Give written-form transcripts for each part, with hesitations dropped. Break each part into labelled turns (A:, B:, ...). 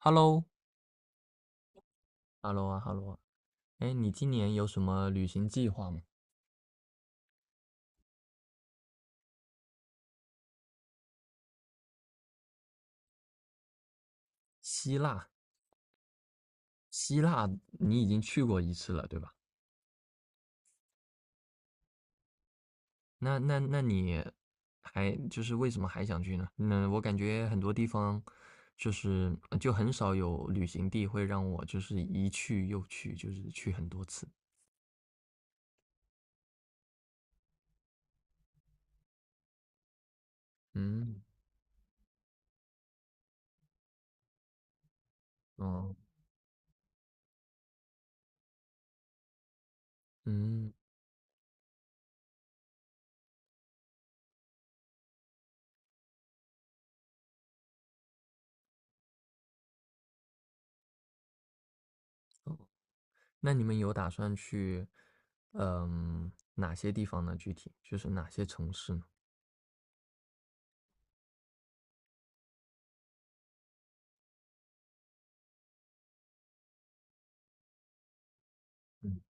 A: Hello，Hello 啊，Hello 啊，哎，你今年有什么旅行计划吗？希腊，希腊你已经去过一次了，对吧？那你还就是为什么还想去呢？那我感觉很多地方就是就很少有旅行地会让我就是一去又去，就是去很多次。嗯，哦，嗯，那你们有打算去哪些地方呢？具体就是哪些城市呢？嗯，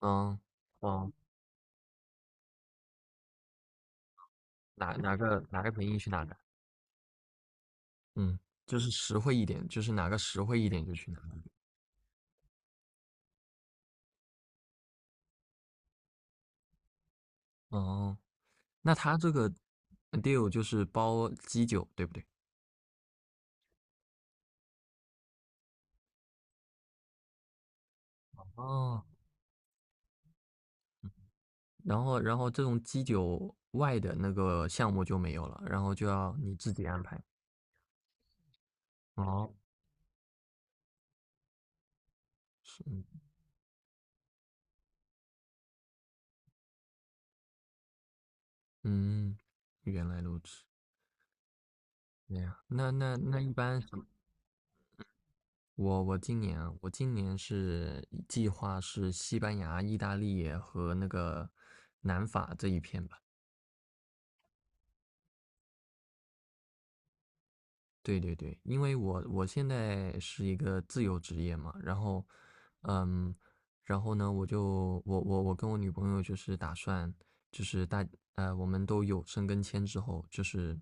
A: 嗯，哦。哪个便宜去哪个，嗯，就是实惠一点，就是哪个实惠一点就去哪个。哦，那他这个 deal 就是包基酒，对不对？哦，然后这种基酒外的那个项目就没有了，然后就要你自己安排。哦，是，嗯，原来如此。对呀，那一般什么我我今年啊，我今年是计划是西班牙、意大利和那个南法这一片吧。对对对，因为我现在是一个自由职业嘛，然后，嗯，然后呢，我跟我女朋友就是打算，就是我们都有申根签之后，就是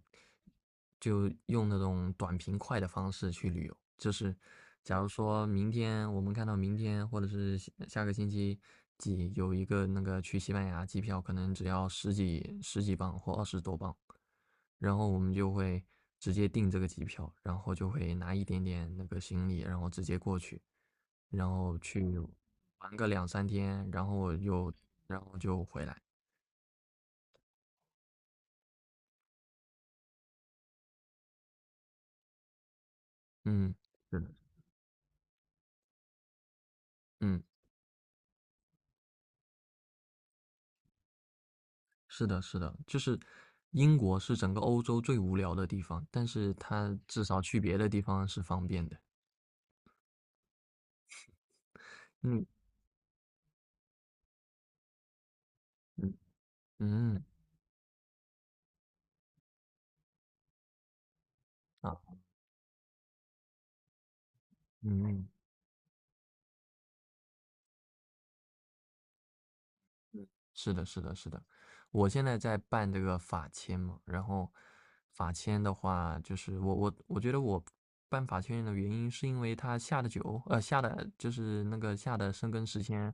A: 就用那种短平快的方式去旅游。就是假如说明天我们看到明天或者是下下个星期几有一个那个去西班牙机票，可能只要十几磅或二十多磅，然后我们就会直接订这个机票，然后就会拿一点点那个行李，然后直接过去。然后去玩个两三天，然后又然后就回来。嗯，是的，嗯，是的，是的，就是英国是整个欧洲最无聊的地方，但是它至少去别的地方是方便的。嗯嗯嗯啊嗯。是的，是的，是的，我现在在办这个法签嘛，然后法签的话，就是我觉得我办法签的原因是因为它下的久，下的就是那个下的生根时间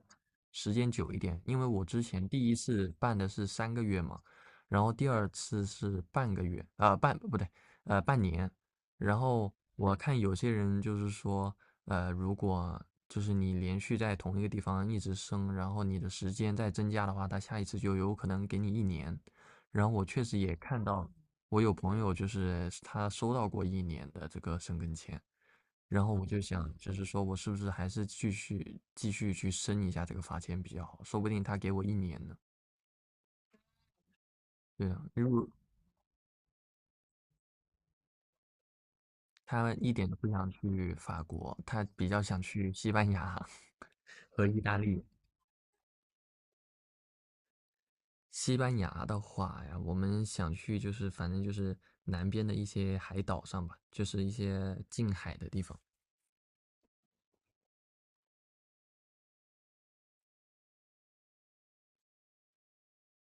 A: 时间久一点，因为我之前第一次办的是3个月嘛，然后第二次是半个月，半不对，半年，然后我看有些人就是说，如果就是你连续在同一个地方一直升，然后你的时间再增加的话，他下一次就有可能给你一年。然后我确实也看到，我有朋友就是他收到过一年的这个申根签，然后我就想，就是说我是不是还是继续去申一下这个法签比较好，说不定他给我一年呢。对啊，如果他一点都不想去法国，他比较想去西班牙 和意大利。西班牙的话呀，我们想去就是反正就是南边的一些海岛上吧，就是一些近海的地方。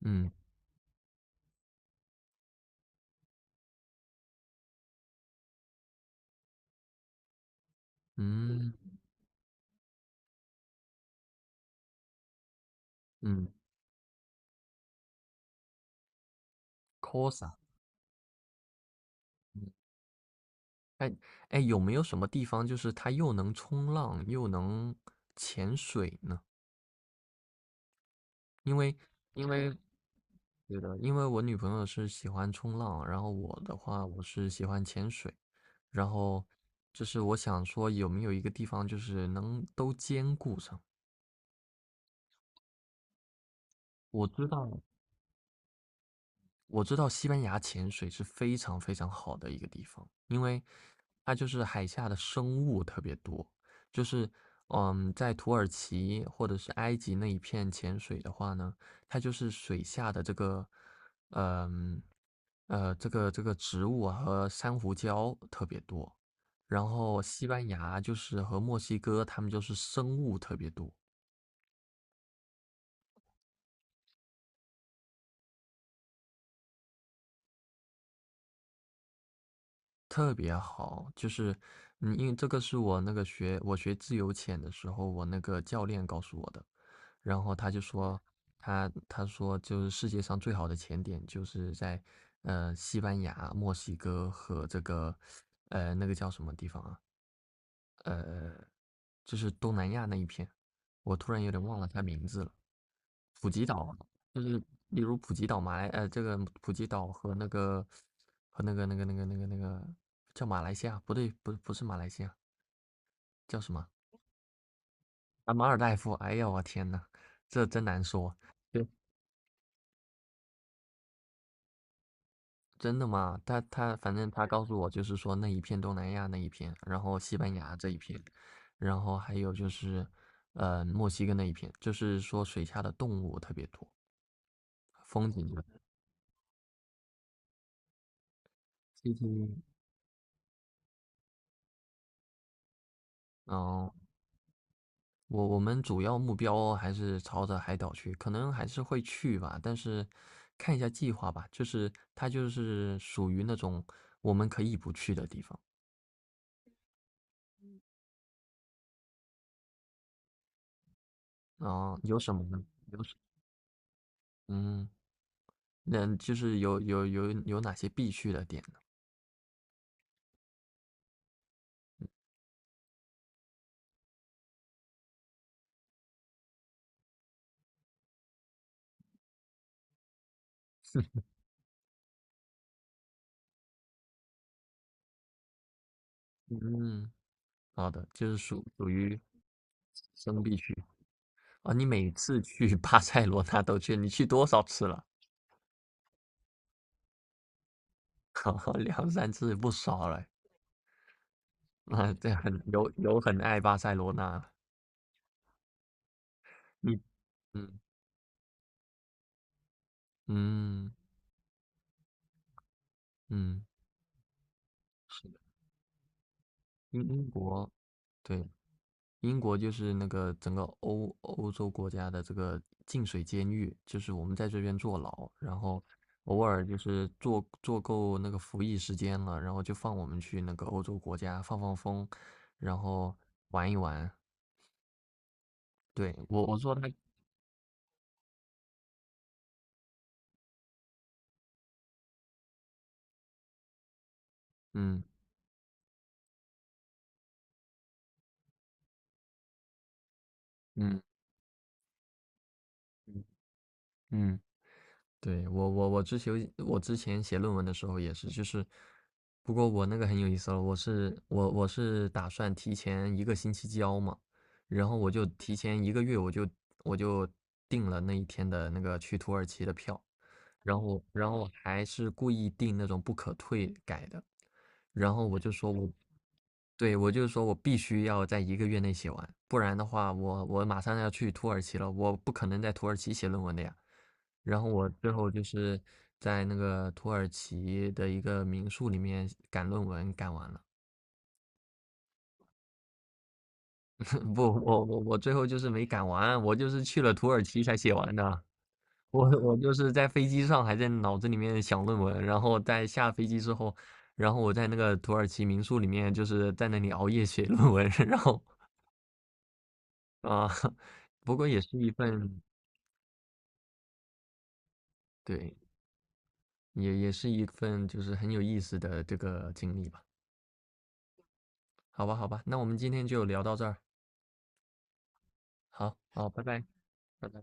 A: 嗯嗯嗯，Cosa，嗯，哎哎，有没有什么地方就是它又能冲浪又能潜水呢？因为因为对的，因为我女朋友是喜欢冲浪，然后我的话我是喜欢潜水，然后就是我想说有没有一个地方就是能都兼顾上。我知道，我知道西班牙潜水是非常非常好的一个地方，因为它就是海下的生物特别多。就是在土耳其或者是埃及那一片潜水的话呢，它就是水下的这个，嗯这个植物啊和珊瑚礁特别多。然后西班牙就是和墨西哥，他们就是生物特别多。特别好，就是，因为这个是我那个我学自由潜的时候，我那个教练告诉我的。然后他就说，他说就是世界上最好的潜点就是在，西班牙、墨西哥和这个，那个叫什么地方啊？呃。就是东南亚那一片，我突然有点忘了它名字了。普吉岛啊，就是例如普吉岛、马来这个普吉岛和那个和那个叫马来西亚，不对，不是马来西亚，叫什么？啊，马尔代夫。哎呀，我天呐，这真难说。对，真的吗？反正他告诉我就是说那一片东南亚那一片，然后西班牙这一片，然后还有就是墨西哥那一片，就是说水下的动物特别多，风景最近，嗯，我们主要目标还是朝着海岛去，可能还是会去吧，但是看一下计划吧。就是它就是属于那种我们可以不去的地方啊，有什么呢？嗯，那就是有哪些必去的点呢？嗯，好的，就是属于生必去啊。你每次去 巴塞罗那都去，你去多少次了？好两三次不少了。啊，对，很有有很爱巴塞罗那，你嗯嗯嗯，是的，英国对英国就是那个整个欧洲国家的这个净水监狱，就是我们在这边坐牢，然后偶尔就是坐够那个服役时间了，然后就放我们去那个欧洲国家放放风，然后玩一玩。对，我说他，嗯嗯嗯。嗯对，我之前写论文的时候也是，就是，不过我那个很有意思了，我是打算提前一个星期交嘛，然后我就提前一个月我就订了那一天的那个去土耳其的票，然后我还是故意订那种不可退改的，然后我就说我对，我就是说我必须要在一个月内写完，不然的话我马上要去土耳其了，我不可能在土耳其写论文的呀。然后我最后就是在那个土耳其的一个民宿里面赶论文，赶完了。不，我最后就是没赶完，我就是去了土耳其才写完的。我就是在飞机上还在脑子里面想论文，然后在下飞机之后，然后我在那个土耳其民宿里面就是在那里熬夜写 论文，然后啊，不过也是一份，对，也是一份就是很有意思的这个经历吧。好吧，好吧，那我们今天就聊到这儿。好，好，拜拜，拜拜。